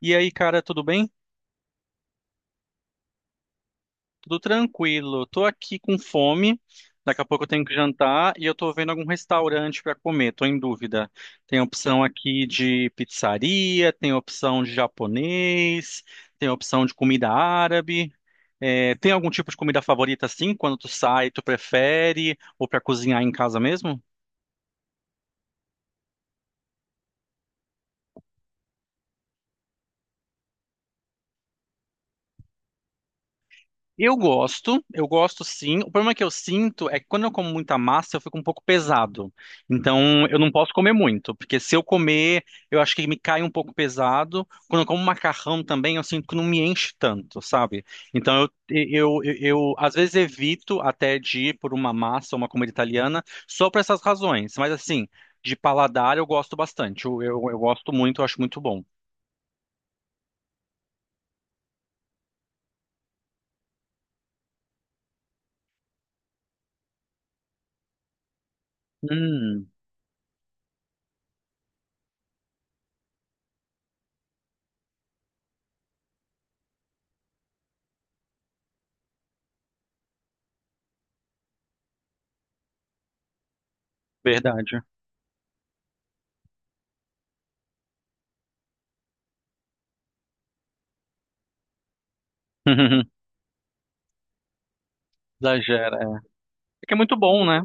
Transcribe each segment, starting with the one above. E aí, cara, tudo bem? Tudo tranquilo. Tô aqui com fome. Daqui a pouco eu tenho que jantar e eu tô vendo algum restaurante pra comer. Tô em dúvida. Tem opção aqui de pizzaria, tem opção de japonês, tem opção de comida árabe. É, tem algum tipo de comida favorita assim? Quando tu sai, tu prefere? Ou pra cozinhar em casa mesmo? Eu gosto sim. O problema que eu sinto é que quando eu como muita massa, eu fico um pouco pesado. Então, eu não posso comer muito, porque se eu comer, eu acho que me cai um pouco pesado. Quando eu como macarrão também, eu sinto que não me enche tanto, sabe? Então, eu, às vezes evito até de ir por uma massa, uma comida italiana, só por essas razões. Mas assim, de paladar eu gosto bastante. Eu gosto muito, eu acho muito bom. Hum, verdade. Exagera. É que é muito bom, né?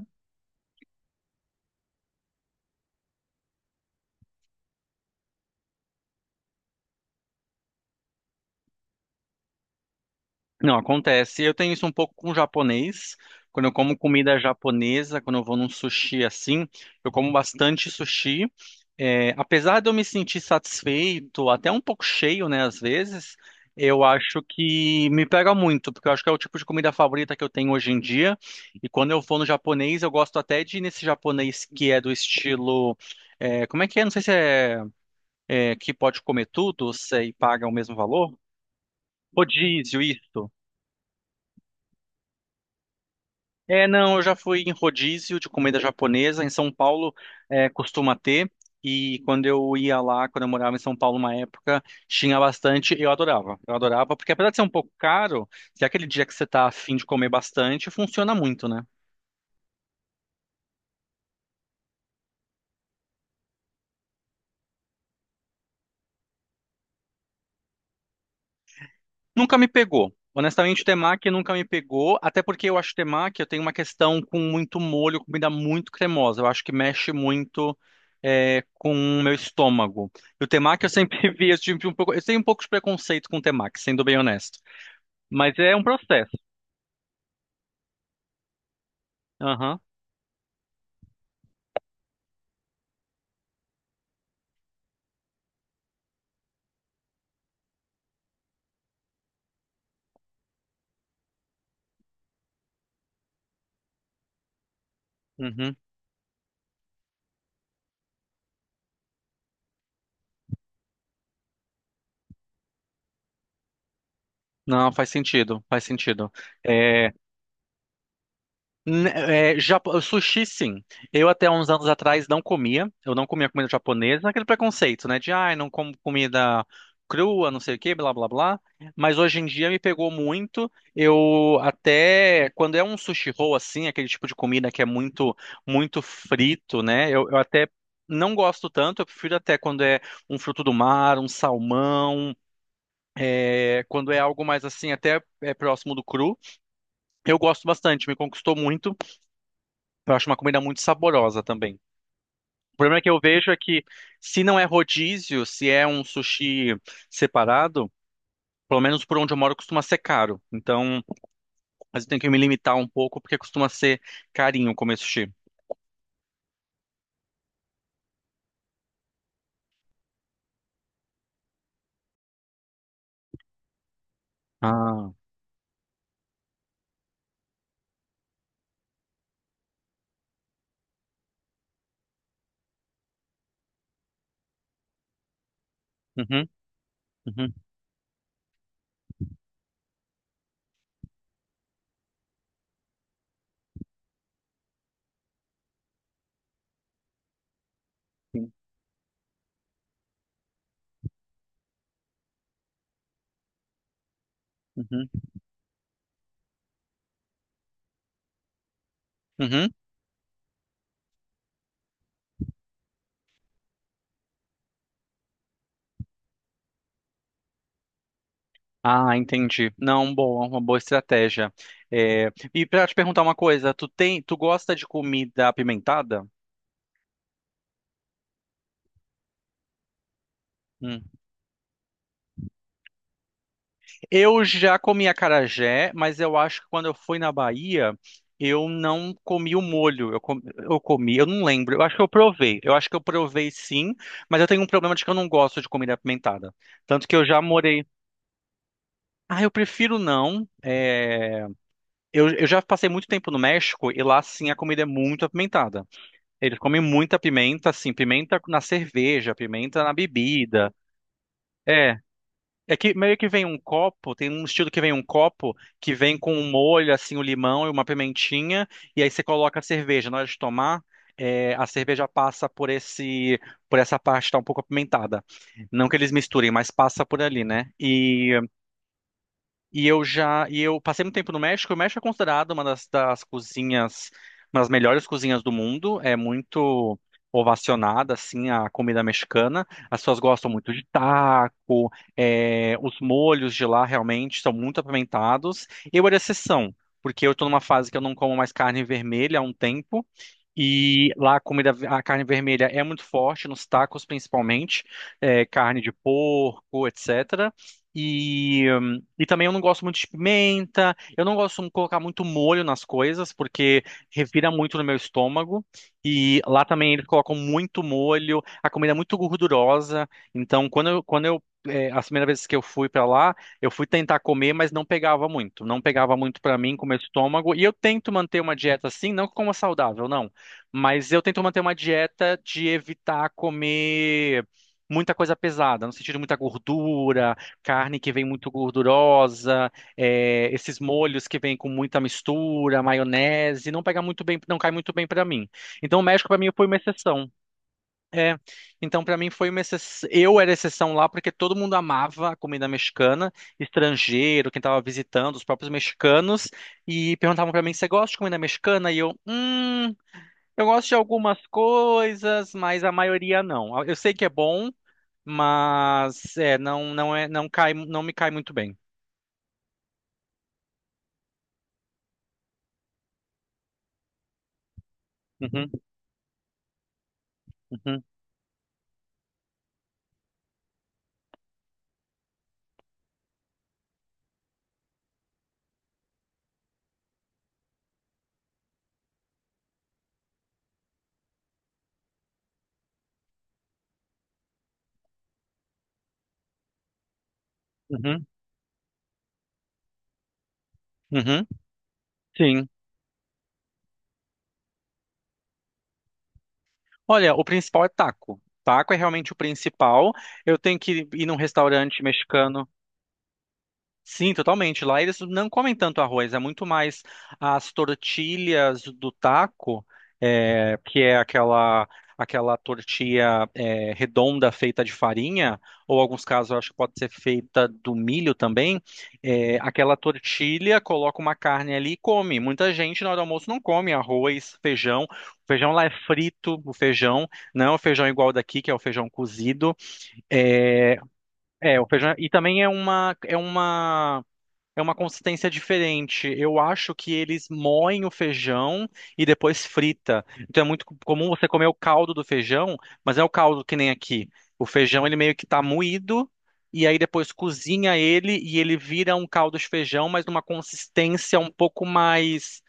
Não, acontece. Eu tenho isso um pouco com o japonês. Quando eu como comida japonesa, quando eu vou num sushi assim, eu como bastante sushi. Apesar de eu me sentir satisfeito, até um pouco cheio, né, às vezes, eu acho que me pega muito, porque eu acho que é o tipo de comida favorita que eu tenho hoje em dia. E quando eu vou no japonês, eu gosto até de ir nesse japonês que é do estilo. Como é que é? Não sei se é, é que pode comer tudo, se e paga o mesmo valor. Rodízio, isso. É, não, eu já fui em rodízio de comida japonesa. Em São Paulo, costuma ter. E quando eu ia lá, quando eu morava em São Paulo uma época, tinha bastante. Eu adorava. Eu adorava, porque apesar de ser um pouco caro, se é aquele dia que você tá afim de comer bastante, funciona muito, né? Nunca me pegou. Honestamente, o temaki nunca me pegou, até porque eu acho temaki, eu tenho uma questão com muito molho, comida muito cremosa. Eu acho que mexe muito com o meu estômago. E o temaki eu sempre vi, eu tive um pouco, eu tenho um pouco de preconceito com o temaki, sendo bem honesto. Mas é um processo. Aham. Uhum. Não, faz sentido, faz sentido. É, Sushi, sim. Eu até uns anos atrás não comia. Eu não comia comida japonesa, naquele preconceito, né? De, ai, não como comida crua, não sei o quê, blá, blá, blá. Mas hoje em dia me pegou muito. Eu até, quando é um sushi roll, assim, aquele tipo de comida que é muito, muito frito, né? Eu até não gosto tanto. Eu prefiro até quando é um fruto do mar, um salmão, quando é algo mais assim, próximo do cru. Eu gosto bastante, me conquistou muito. Eu acho uma comida muito saborosa também. O problema que eu vejo é que, se não é rodízio, se é um sushi separado, pelo menos por onde eu moro costuma ser caro. Então, mas eu tenho que me limitar um pouco porque costuma ser carinho comer sushi. Ah. Uhum, uhum, sim, uhum, uhum. Ah, entendi. Não, boa, uma boa estratégia. E pra te perguntar uma coisa, tu gosta de comida apimentada? Eu já comi acarajé, mas eu acho que quando eu fui na Bahia, eu não comi o molho. Eu comi, eu não lembro. Eu acho que eu provei. Eu acho que eu provei sim, mas eu tenho um problema de que eu não gosto de comida apimentada. Tanto que eu já morei. Ah, eu prefiro não. Eu já passei muito tempo no México e lá sim a comida é muito apimentada. Eles comem muita pimenta, assim, pimenta na cerveja, pimenta na bebida. É. É que meio que vem um copo, tem um estilo que vem um copo que vem com um molho, assim, o limão e uma pimentinha, e aí você coloca a cerveja. Na hora de tomar, a cerveja passa por essa parte que tá um pouco apimentada. Não que eles misturem, mas passa por ali, né? E eu passei muito tempo no México. O México é considerado uma das cozinhas, uma das melhores cozinhas do mundo. É muito ovacionada, assim, a comida mexicana. As pessoas gostam muito de taco. Os molhos de lá realmente são muito apimentados. Eu era exceção, porque eu estou numa fase que eu não como mais carne vermelha há um tempo. E lá a comida, a carne vermelha é muito forte, nos tacos principalmente, carne de porco, etc. E, e também eu não gosto muito de pimenta, eu não gosto de colocar muito molho nas coisas, porque revira muito no meu estômago. E lá também eles colocam muito molho, a comida é muito gordurosa, então as primeiras vezes que eu fui para lá, eu fui tentar comer, mas não pegava muito. Não pegava muito para mim com o meu estômago. E eu tento manter uma dieta assim, não como saudável, não. Mas eu tento manter uma dieta de evitar comer muita coisa pesada, no sentido de muita gordura, carne que vem muito gordurosa, esses molhos que vêm com muita mistura, maionese, não pega muito bem, não cai muito bem para mim. Então o México para mim foi uma exceção. É, então para mim foi uma exceção. Eu era exceção lá porque todo mundo amava a comida mexicana, estrangeiro, quem estava visitando, os próprios mexicanos, e perguntavam para mim, você gosta de comida mexicana? E eu. Eu gosto de algumas coisas, mas a maioria não. Eu sei que é bom, mas é, não, não é, não cai, não me cai muito bem. Uhum, uhum, uhum, uhum. Sim. Olha, o principal é taco. Taco é realmente o principal. Eu tenho que ir num restaurante mexicano. Sim, totalmente. Lá eles não comem tanto arroz, é muito mais as tortilhas do taco, que é aquela tortilha redonda feita de farinha, ou alguns casos eu acho que pode ser feita do milho também. Aquela tortilha coloca uma carne ali e come. Muita gente na hora do almoço não come arroz, feijão. O feijão lá é frito, o feijão, não é o feijão igual daqui, que é o feijão cozido. É, o feijão, e também é uma consistência diferente. Eu acho que eles moem o feijão e depois frita. Então é muito comum você comer o caldo do feijão, mas não é o caldo que nem aqui. O feijão ele meio que tá moído e aí depois cozinha ele e ele vira um caldo de feijão, mas numa consistência um pouco mais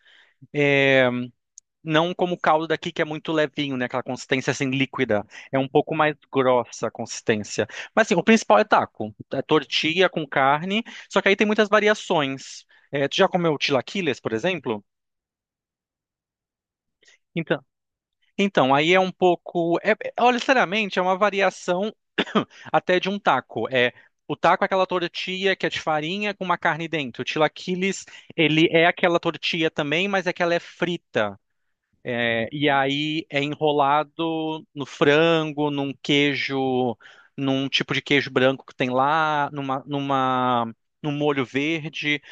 não como o caldo daqui, que é muito levinho, né? Aquela consistência assim líquida. É um pouco mais grossa a consistência. Mas assim, o principal é taco. É tortilha com carne, só que aí tem muitas variações. Tu já comeu tilaquiles, por exemplo? Então, então, aí é um pouco. Olha, sinceramente, é uma variação até de um taco. O taco é aquela tortilha que é de farinha com uma carne dentro. O tilaquiles, ele é aquela tortilha também, mas é que ela é frita. E aí é enrolado no frango, num queijo, num tipo de queijo branco que tem lá, num molho verde.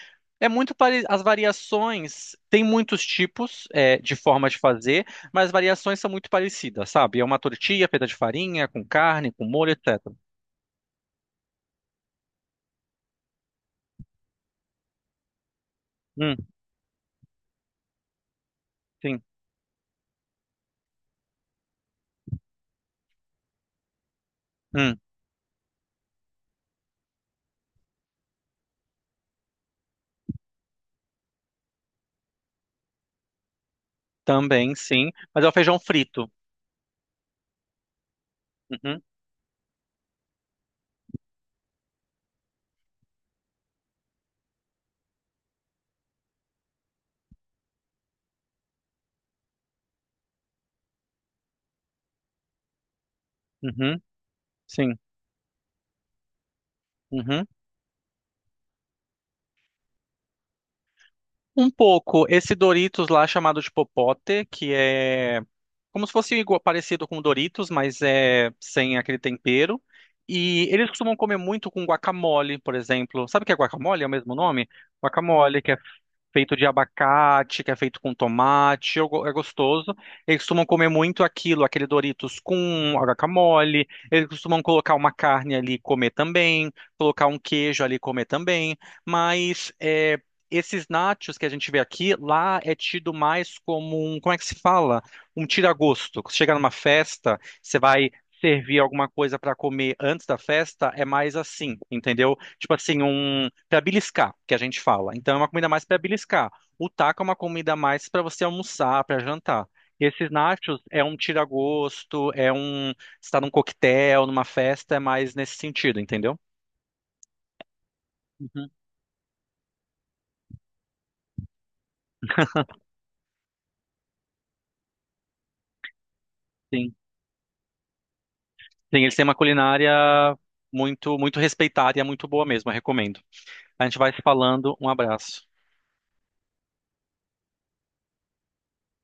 As variações, tem muitos tipos de forma de fazer, mas as variações são muito parecidas, sabe? É uma tortilha feita de farinha, com carne, com molho, etc. Hum, sim. Hum, também, sim. Mas é o feijão frito. Uhum, uhum, sim. Uhum. Um pouco, esse Doritos lá chamado de popote. Que é Como se fosse igual, parecido com Doritos, mas é sem aquele tempero. E eles costumam comer muito com guacamole, por exemplo. Sabe o que é guacamole? É o mesmo nome? Guacamole, que é feito de abacate, que é feito com tomate, é gostoso. Eles costumam comer muito aquilo, aquele Doritos com guacamole. Eles costumam colocar uma carne ali e comer também, colocar um queijo ali e comer também. Mas esses nachos que a gente vê aqui, lá é tido mais como um, como é que se fala? Um tira-gosto. Você chega numa festa, você vai servir alguma coisa para comer antes da festa, é mais assim, entendeu? Tipo assim, um para beliscar, que a gente fala. Então é uma comida mais para beliscar. O taco é uma comida mais para você almoçar, para jantar. Esses nachos é um tira-gosto, está num coquetel, numa festa, é mais nesse sentido, entendeu? Uhum. Sim. Sim, eles têm uma culinária muito muito respeitada e é muito boa mesmo, eu recomendo. A gente vai se falando. Um abraço.